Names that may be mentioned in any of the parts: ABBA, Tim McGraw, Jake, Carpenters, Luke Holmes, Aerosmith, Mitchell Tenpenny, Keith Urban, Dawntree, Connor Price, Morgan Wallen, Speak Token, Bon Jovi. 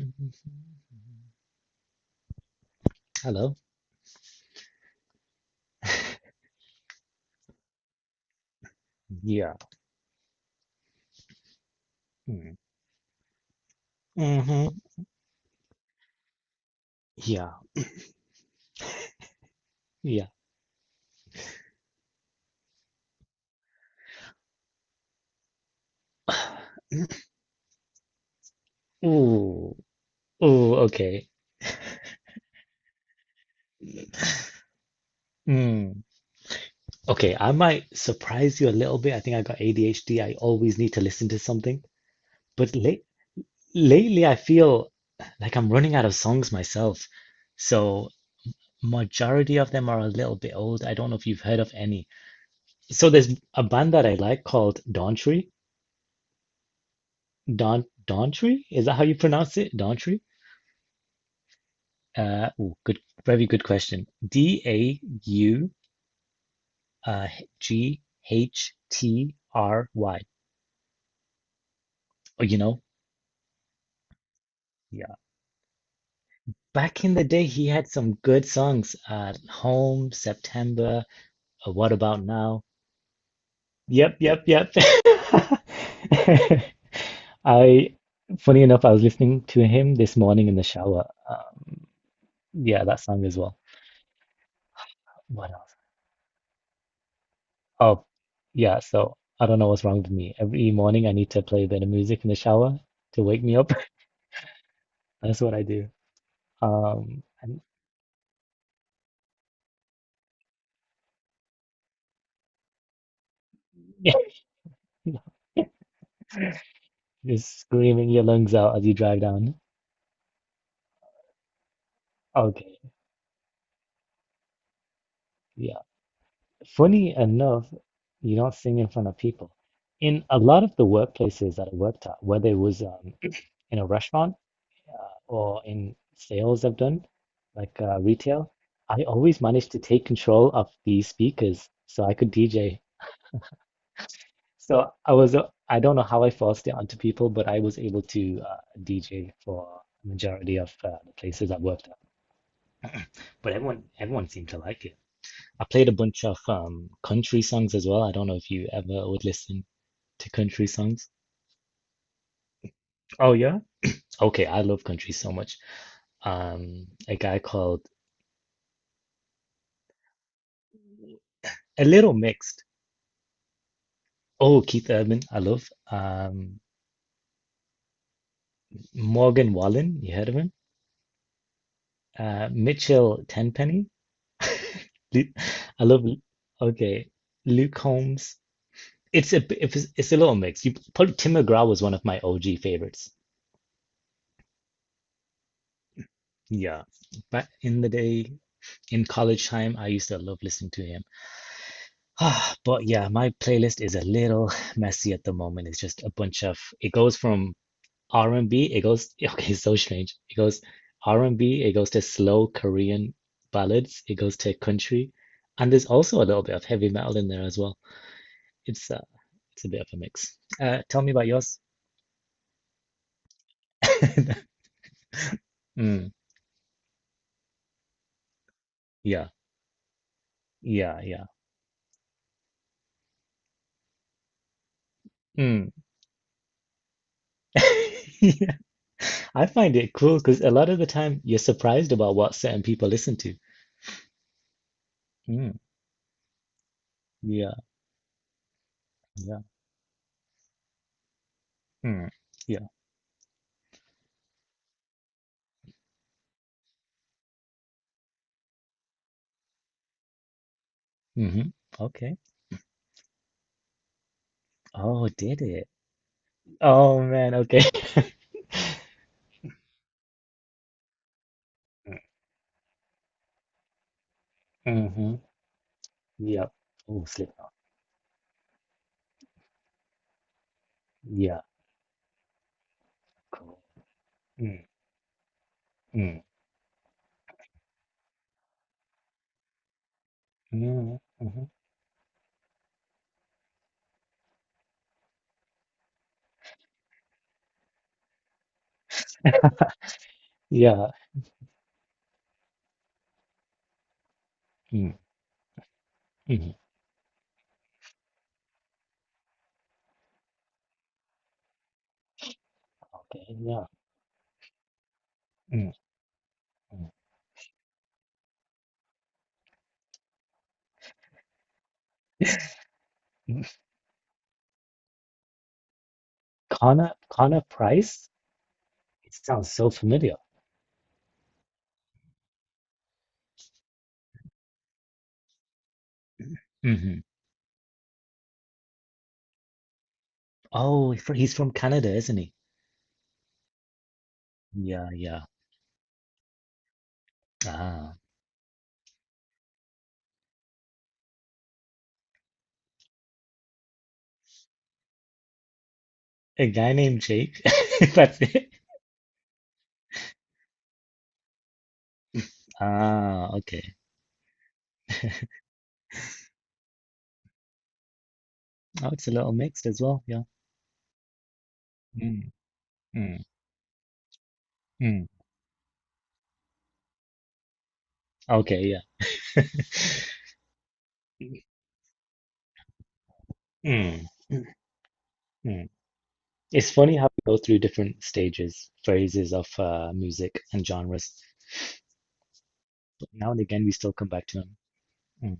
Mm-hmm. Hello. Yeah. Mm-hmm. Yeah. Yeah. Ooh. Ooh. Okay. Mm. Okay, I might surprise you a little bit. I think I got ADHD. I always need to listen to something. But late Lately, I feel like I'm running out of songs myself. So majority of them are a little bit old. I don't know if you've heard of any. So there's a band that I like called Dawntree. Dawntree? Is that how you pronounce it? Dawntree? Oh, good, very good question. D, a, u, uh, g, h, t, r, y. Oh, you know, yeah. Back in the day, he had some good songs. Home, September. What About Now? Yep, yep, yep. I, Funny enough, I was listening to him this morning in the shower. Yeah, that song as well. What else? Oh, yeah. So I don't know what's wrong with me. Every morning I need to play a bit of music in the shower to wake me up. That's what I do. And yeah, just screaming your lungs out as you drive down. Okay, yeah. Funny enough, you don't sing in front of people. In a lot of the workplaces that I worked at, whether it was in a restaurant uh, or in sales I've done, like retail, I always managed to take control of the speakers so I could DJ. So I was, I don't know how I forced it onto people, but I was able to DJ for a majority of the places I worked at. But everyone seemed to like it. I played a bunch of country songs as well. I don't know if you ever would listen to country songs. Oh yeah? Okay, I love country so much. A guy called A Little Mixed. Oh, Keith Urban, I love. Morgan Wallen, you heard of him? Mitchell Tenpenny. Lu- I love, okay, Luke Holmes. It's a little mix. You probably Tim McGraw was one of my OG favorites. Yeah, back in the day in college time, I used to love listening to him. Ah, but yeah, my playlist is a little messy at the moment. It's just a bunch of it goes from R&B, it goes okay, it's so strange. It goes R&B, it goes to slow Korean ballads, it goes to country, and there's also a little bit of heavy metal in there as well. It's uh, it's a bit of a mix. Tell me about yours. Mm, yeah, yeah, yeah. Mm. Yeah. I find it cool because a lot of the time you're surprised about what certain people listen to. Mm, yeah, yeah, mm, yeah. Hmm. Okay. Oh, did it? Oh man, okay. Mm-hmm. Yeah. Oh, slip. Yeah. Cool. Mm, mm, mm, hmm. Yeah. Mm, hmm. Okay. Yeah. Mm, mm. Connor Price? It sounds so familiar. Hmm. Oh, he's from Canada, isn't he? Yeah, yeah. Ah, a guy named Jake. That's it. Ah, okay. Oh, it's a little mixed as well. Yeah. Mm, mm, mm. Okay, yeah. Mm, mm. It's funny how we go through different stages, phases of music and genres, but now and again we still come back to them. Mm,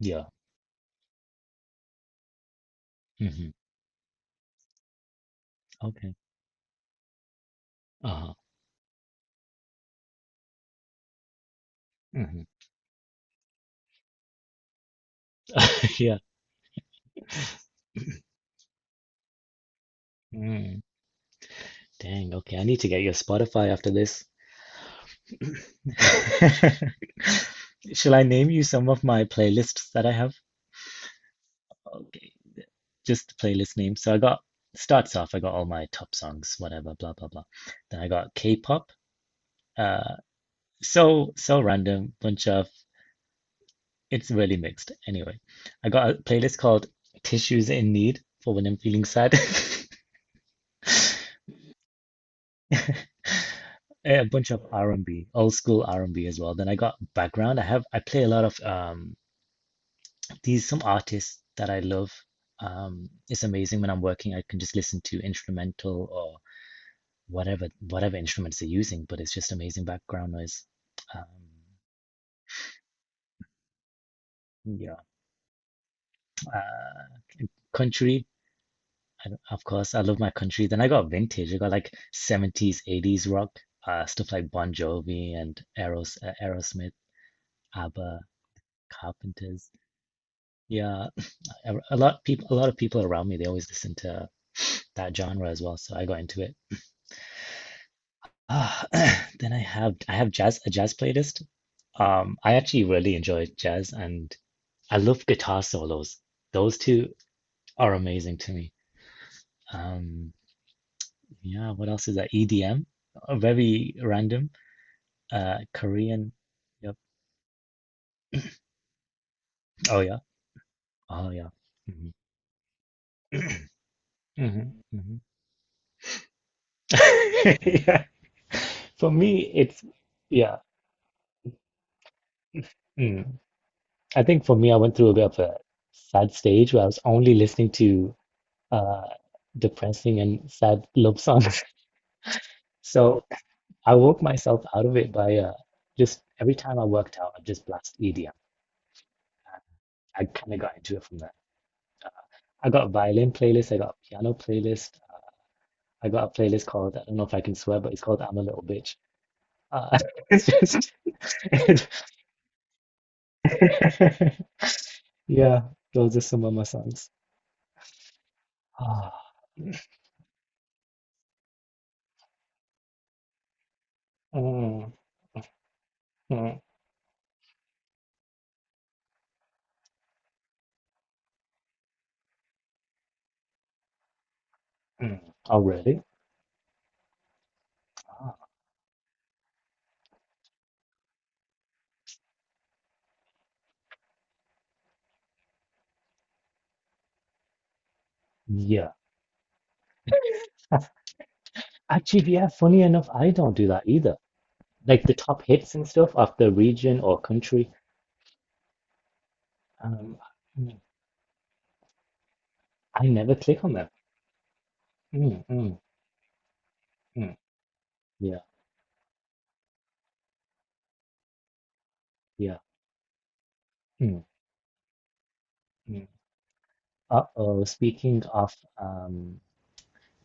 yeah. Hmm. Okay. Uh-huh. Hmm. Yeah. Mm. Dang. Okay. I need to get your Spotify after this. Shall I name you some of my playlists that I have? Just the playlist names. So I got starts off, I got all my top songs, whatever, blah blah blah. Then I got K-pop. Uh, so random, bunch of it's really mixed. Anyway, I got a playlist called Tissues in Need for when I'm feeling sad. A bunch of R&B, old school R&B as well. Then I got background. I play a lot of these some artists that I love. It's amazing when I'm working, I can just listen to instrumental or whatever instruments they're using, but it's just amazing background noise. Um, you uh, country, of course, I love my country. Then I got vintage. I got like 70s, 80s rock, stuff like Bon Jovi and Aerosmith, ABBA, Carpenters. Yeah, a lot of people around me, they always listen to that genre as well. So I got into it. Ah, then I have jazz a jazz playlist. I actually really enjoy jazz, and I love guitar solos. Those two are amazing to me. Um, yeah, what else is that? EDM, uh, very random. Korean. Yep. Oh yeah. Oh yeah. Hmm. Hmm. Hmm. Yeah. For me, it's yeah. Mm. I think for me, I went through a bit of a sad stage where I was only listening to uh, depressing and sad love songs. So I woke myself out of it by just every time I worked out, I just blast EDM. I kind of got into it from that. I got a violin playlist, I got a piano playlist, I got a playlist called, I don't know if I can swear, but it's called I'm a Little Bitch. Uh, it's just, yeah, those are some of my songs. Ah, mm, mm, mm. Oh, really? Ah, yeah. Actually, yeah, funny enough, I don't do that either. Like the top hits and stuff of the region or country, um, mm, I never click on them. Mm, mm, mm. Yeah, yeah. Mm, mm. Uh-oh, speaking of um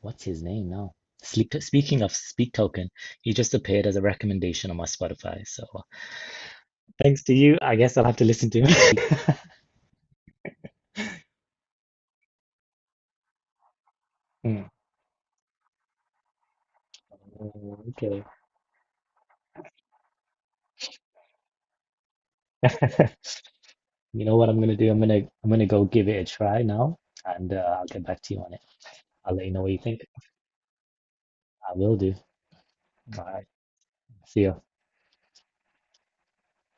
what's his name now? Sleep speaking of Speak Token, he just appeared as a recommendation on my Spotify. So thanks to you, I guess I'll have to listen to him. Mm, okay. You know what I'm gonna do? I'm gonna go give it a try now and I'll get back to you on it. I'll let you know what you think. I will do. All right. See ya.